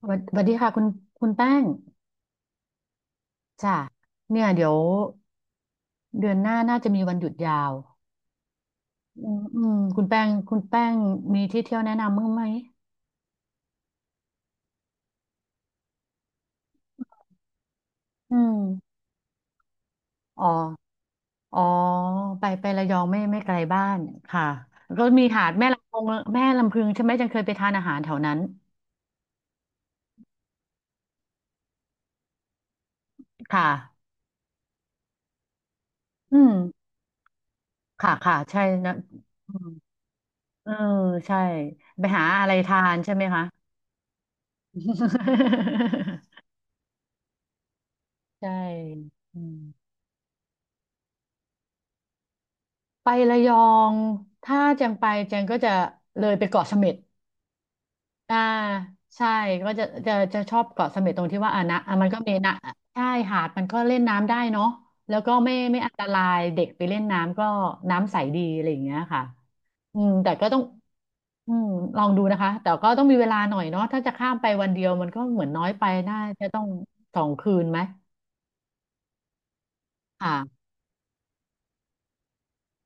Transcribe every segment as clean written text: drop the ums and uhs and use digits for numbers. สวัสดีค่ะคุณคุณแป้งจ้ะเนี่ยเดี๋ยวเดือนหน้าน่าจะมีวันหยุดยาวอืมคุณแป้งมีที่เที่ยวแนะนำมั้างไหมอืมอ๋ออ๋อไประยองไม่ไกลบ้านค่ะก็มีหาดแม่ลำพงแม่ลำพึงใช่ไหมจังเคยไปทานอาหารแถวนั้นค่ะอืมค่ะค่ะใช่นะอืมเออใช่ไปหาอะไรทานใช่ไหมคะ ใช่อืม ไประยองถ้าแจงไปแจงก็จะเลยไปเกาะเสม็ดอ่าใช่ก็จะจะชอบเกาะเสม็ดตรงที่ว่าอ่ะนะอ่ะมันก็มีนะใช่หาดมันก็เล่นน้ำได้เนาะแล้วก็ไม่อันตรายเด็กไปเล่นน้ำก็น้ำใสดีอะไรอย่างเงี้ยค่ะอืมแต่ก็ต้องอืมลองดูนะคะแต่ก็ต้องมีเวลาหน่อยเนาะถ้าจะข้ามไปวันเดียวมันก็เหมือนน้อยไปน่าจะต้องสองคืนไหมค่ะ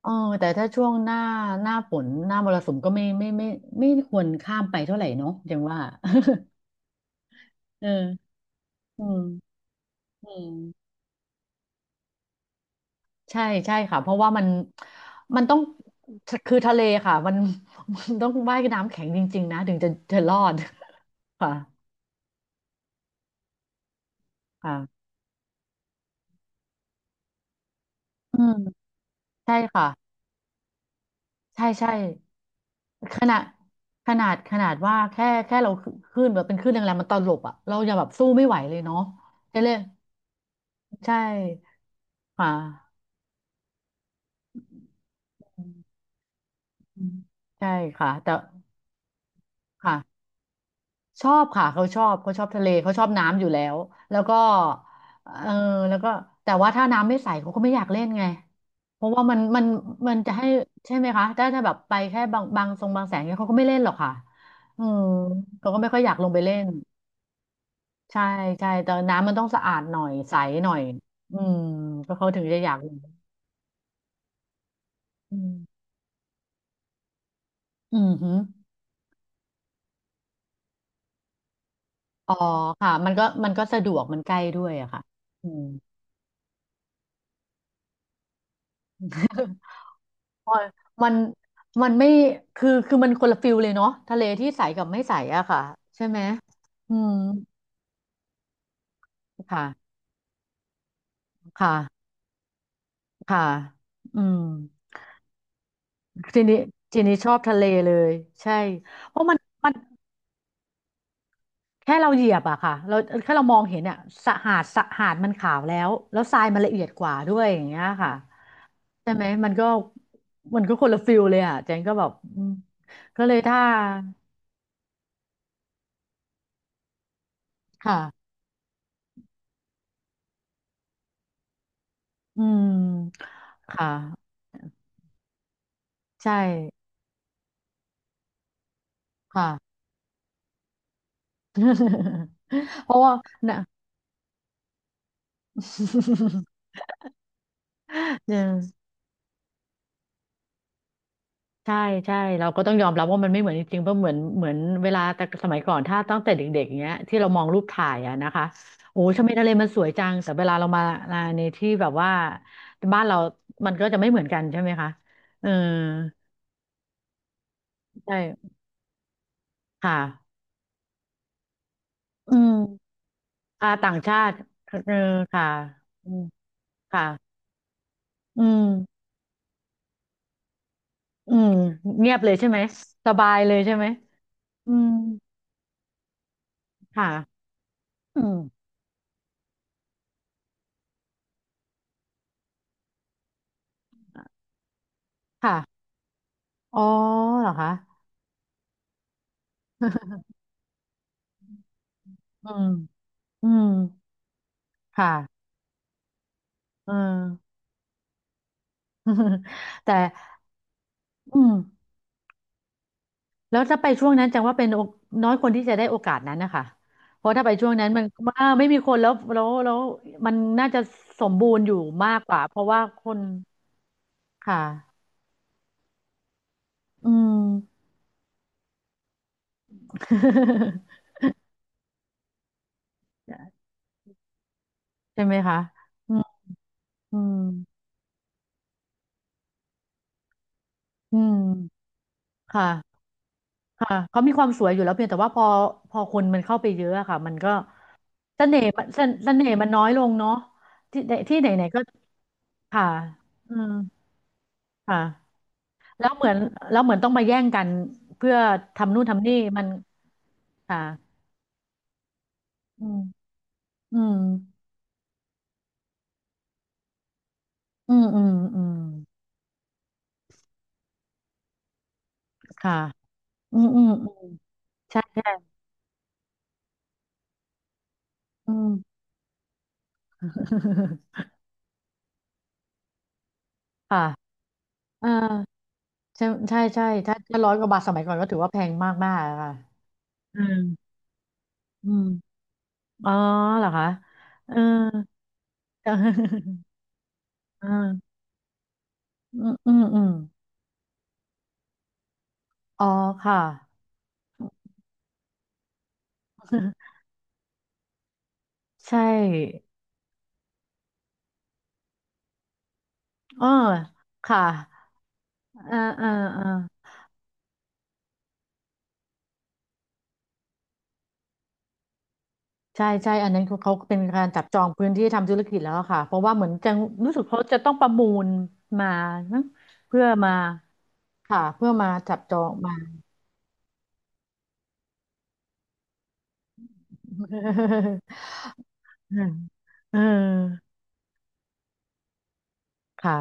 เออแต่ถ้าช่วงหน้าหน้าฝนหน้ามรสุมก็ไม่ไม่ควรข้ามไปเท่าไหร่เนาะอย่างว่า เอออืมอืมใช่ใช่ค่ะเพราะว่ามันต้องคือทะเลค่ะมัน มันต้องว่ายน้ำแข็งจริงๆนะถึงจะรอด ค่ะค่ะอืมใช่ค่ะใช่ใช่ขนาดขนาดว่าแค่เราขึ้นแบบเป็นขึ้นแรงๆมันตลบอ่ะเราอย่าแบบสู้ไม่ไหวเลยเนาะจะเรียกใช่ค่ะ อืมใช่ค่ะแต่ค่ะชอบค่ะเขาชอบเขาชอบทะเลเขาชอบน้ำอยู่แล้วแล้วก็เออแล้วก็แต่ว่าถ้าน้ำไม่ใสเขาก็ไม่อยากเล่นไงเพราะว่ามันมันจะให้ใช่ไหมคะถ้าถ้าแบบไปแค่บางบางทรงบางแสงเนี่ยเขาก็ไม่เล่นหรอกค่ะอืมเขาก็ไม่ค่อยอยากลงไปเล่นใช่ใช่แต่น้ำมันต้องสะอาดหน่อยใสหน่อยอืมก็เขาถึงจะอยากลงอืมอืมฮึอ๋อค่ะมันก็สะดวกมันใกล้ด้วยอะค่ะอืม มันมันไม่คือคือมันคนละฟิลเลยเนาะทะเลที่ใสกับไม่ใสอะค่ะใช่ไหมอืมค่ะค่ะค่ะอืมทีนี้ทีนี้ชอบทะเลเลยใช่เพราะมันมันแค่เราเหยียบอะค่ะเราแค่เรามองเห็นอะสะหาดสะหาดมันขาวแล้วแล้วทรายมันละเอียดกว่าด้วยอย่างเงี้ยค่ะใช่ไหมมันก็มันก็คนละฟิลเลยอะเจนก็แบบอืมก็เลยถ้าค่ะอืมค่ะใช่ค่ะ เพราะว่านะ เออใช่ใช่เราก็ต้องยอมรับว่ามันไม่เหมือนจริงๆเพราะเหมือนเหมือนเวลาแต่สมัยก่อนถ้าตั้งแต่เด็กๆอย่างเงี้ยที่เรามองรูปถ่ายอะนะคะโอ้ทำไมทะเลมันสวยจังแต่เวลาเรามามาในที่แบบว่าบ้านเรามันก็จะไม่เหมือนกันใช่ไหมคะเออใช่ค่ะอืมอ่าต่างชาติเออค่ะอืมค่ะอืมอืมเงียบเลยใช่ไหมสบายเลยใช่ไหมอืมค่ะ อืมค่ะอ๋อเหรอคะ อืมอืมค่ะเออ แต่อืม แล้วถ้าไปช่วงนั้นจังว่าเป็นโอน้อยคนที่จะได้โอกาสนั้นนะคะ เพราะถ้าไปช่วงนั้นมันอ่าไม่มีคนแล้วแล้วแล้วมันน่าจะสมบูรณ์อยู่มากกว่าเพราะว่าคนค่ะอืม ใช่ไหมคะอืมอืมอืมค่ะ ค่ะเขามีความสวยอยู่แล้วเพียงแต่ว่าพอพอคนมันเข้าไปเยอะอะค่ะ มันก็เสน่ห์มันเสนเสน่ห์มันน้อยลงเนาะที่ไหนๆก็ค่ะอืมค่ะแล้วเหมือนแล้วเหมือนต้องมาแย่งกันเพื่อทำนู่นทำนี่มันค่ะอืมอืมอืมอืมอืมค่ะอืมอืมอืมใช่ใช่อืม ค่ะเอ่าใช่ใช่ใช่ถ้าถ้าร้อยกว่าบาทสมัยก่อนก็ถือว่าแพงมากมากค่ะอืมอืม อ๋อเหรอคะเออเออ เอออืมอืมอืมอ๋อค่ะ ใช่เออค่ะเออเออเออใช่ใช่อันนั้นเขาเขาเป็นการจับจองพื้นที่ทำธุรกิจแล้วอะค่ะเพราะว่าเหมือนจะรู้สึกเขาจะต้องประมูลมานะเพื่อมาค่ะเพื่อมาจับจองมา เออเออค่ะ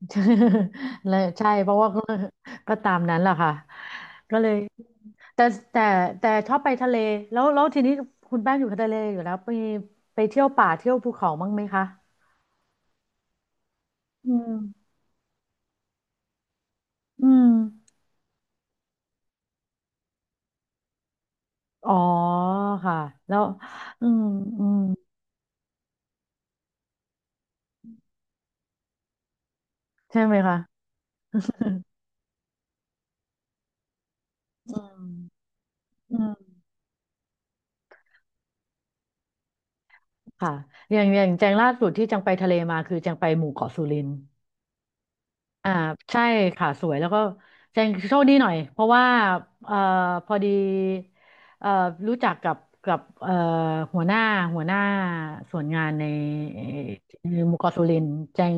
เลยใช่เพราะว่า ก็ก็ตามนั้นแหละค่ะก็เลยแต่แต่แต่ชอบไปทะเลแล้วแล้วทีนี้คุณแป้งอยู่ทะเลอยู่แล้วไปเที่ยวป่าเที่ยวภูเขาบ้างไหมคะอืมอืมอ๋อค่ะแล้วอืมอืมใช่ไหมคะ อืมอืมค่ะอย่างแจงล่าสุดที่จังไปทะเลมาคือจังไปหมู่เกาะสุรินทร์ อ่าใช่ค่ะสวยแล้วก็แจงโชคดีหน่อยเพราะว่าเอ่อพอดีเอ่อรู้จักกับกับหัวหน้าหัวหน้าส่วนงานในเอ่หมู่เกาะสุรินทร์แจง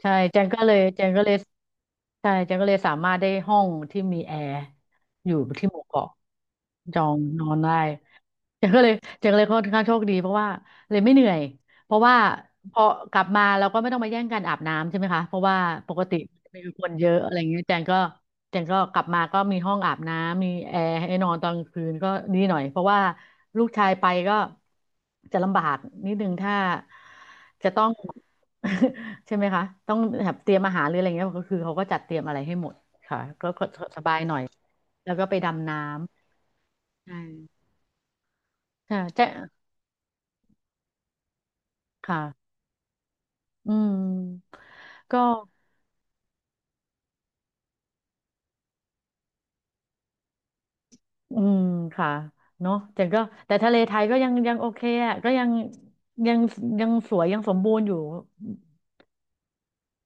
ใช่แจงก็เลยใช่แจงก็เลยสามารถได้ห้องที่มีแอร์อยู่ที่หมู่เกาะจองนอนได้แจงก็เลยแจงก็เลยค่อนข้างโชคดีเพราะว่าเลยไม่เหนื่อย เพราะว่าพอกลับมาเราก็ไม่ต้องมาแย่งกันอาบน้ำใช่ไหมคะเพราะว่าปกติมีคนเยอะอะไรอย่างเงี้ยแจงก็กลับมาก็มีห้องอาบน้ำมีแอร์ให้นอนตอนกลางคืนก็ดีหน่อยเพราะว่าลูกชายไปก็จะลำบากนิดนึงถ้าจะต้อง ใช่ไหมคะต้องแบบเตรียมอาหารหรืออะไรเงี้ยก็คือเขาก็จัดเตรียมอะไรให้หมดค่ะก็สบายหน่อยแล้วก็ไปดำน้ำใช่ค่ะแจงค่ะอืมก็ อืมค่ะเนาะแต่ก็แต่ทะเลไทยก็ยังโอเคอ่ะก็ยังยังยังสวยยังสมบูรณ์อยู่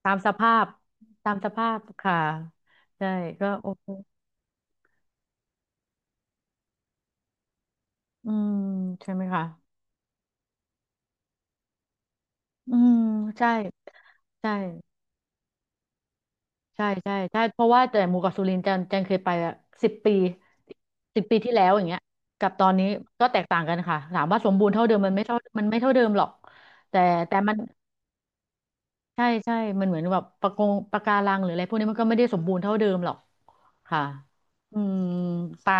ตามสภาพตามสภาพค่ะใช่ก็โอเคอืมใช่ไหมคะอืมใช่ใช่ใช่เพราะว่าแต่หมู่เกาะสุรินทร์จันจันเคยไปอะสิบปีสิบปีที่แล้วอย่างเงี้ยกับตอนนี้ก็แตกต่างกันค่ะถามว่าสมบูรณ์เท่าเดิมมันไม่เท่ามันไม่เท่าเดิมหรอกแต่แต่มัน ใช่ใช่มันเหมือนแบบปะกงปะการังหรืออะไรพวกนี้มันก็ไม่ได้สมบูรณ์เท่าเดิมหรอกค่ะอืมปา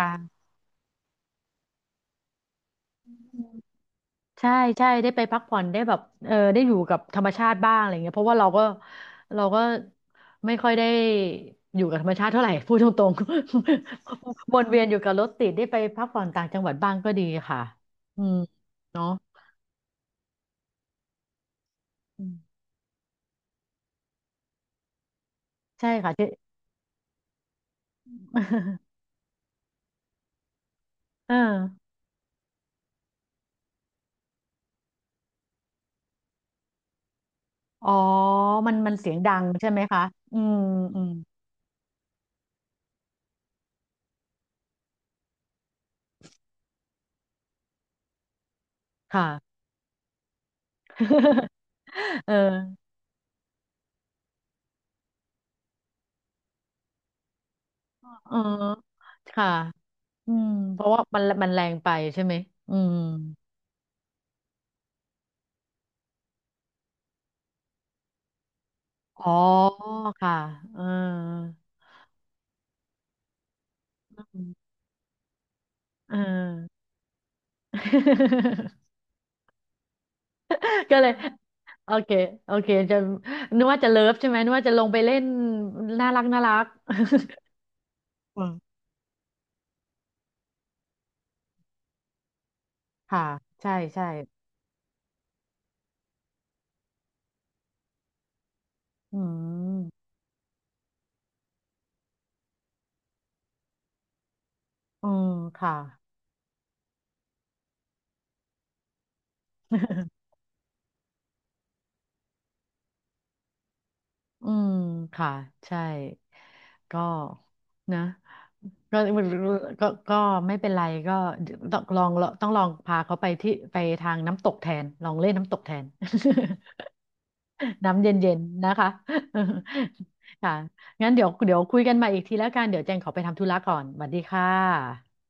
ใช่ใช่ได้ไปพักผ่อนได้แบบเออได้อยู่กับธรรมชาติบ้างอะไรเงี้ยเพราะว่าเราก็เราก็ไม่ค่อยได้อยู่กับธรรมชาติเท่าไหร่ พูดตรงๆ วนเวียนอยู่กับรถติดได้ไปพักผ่อนต่างจังหวัดบ้างก็ดีค่ะอืมอืมใช่ค่ะที่ เอออ๋อมันมันเสียงดังใช่ไหมคะอืมอืมค่ะ เออเออค่ะอืมเพราะว่ามันมันแรงไปใช่ไหมอืมอ๋อค่ะเออเออ ก็เลยโอเค โอเคจะนึกว่าจะเลิฟใช่ไหมนึกว่าจะลงไปเล่นน่ารักน่ารัก อืม ค่ะ ใช่ ใช่อืมอืมค่ะ อืมค่ะ ใช่ ก็นะ ก็ก็ไม่เป็นไรก็ต้องลองต้องลองพาเขาไปที่ไปทางน้ำตกแทนลองเล่นน้ำตกแทน น้ำเย็นๆนะคะ ค่ะงั้นเดี๋ยวคุยกันใหมาอีกทีแล้วกันเดี๋ยวแจงขอไปทำธุระก่อนสวัสดีค่ะ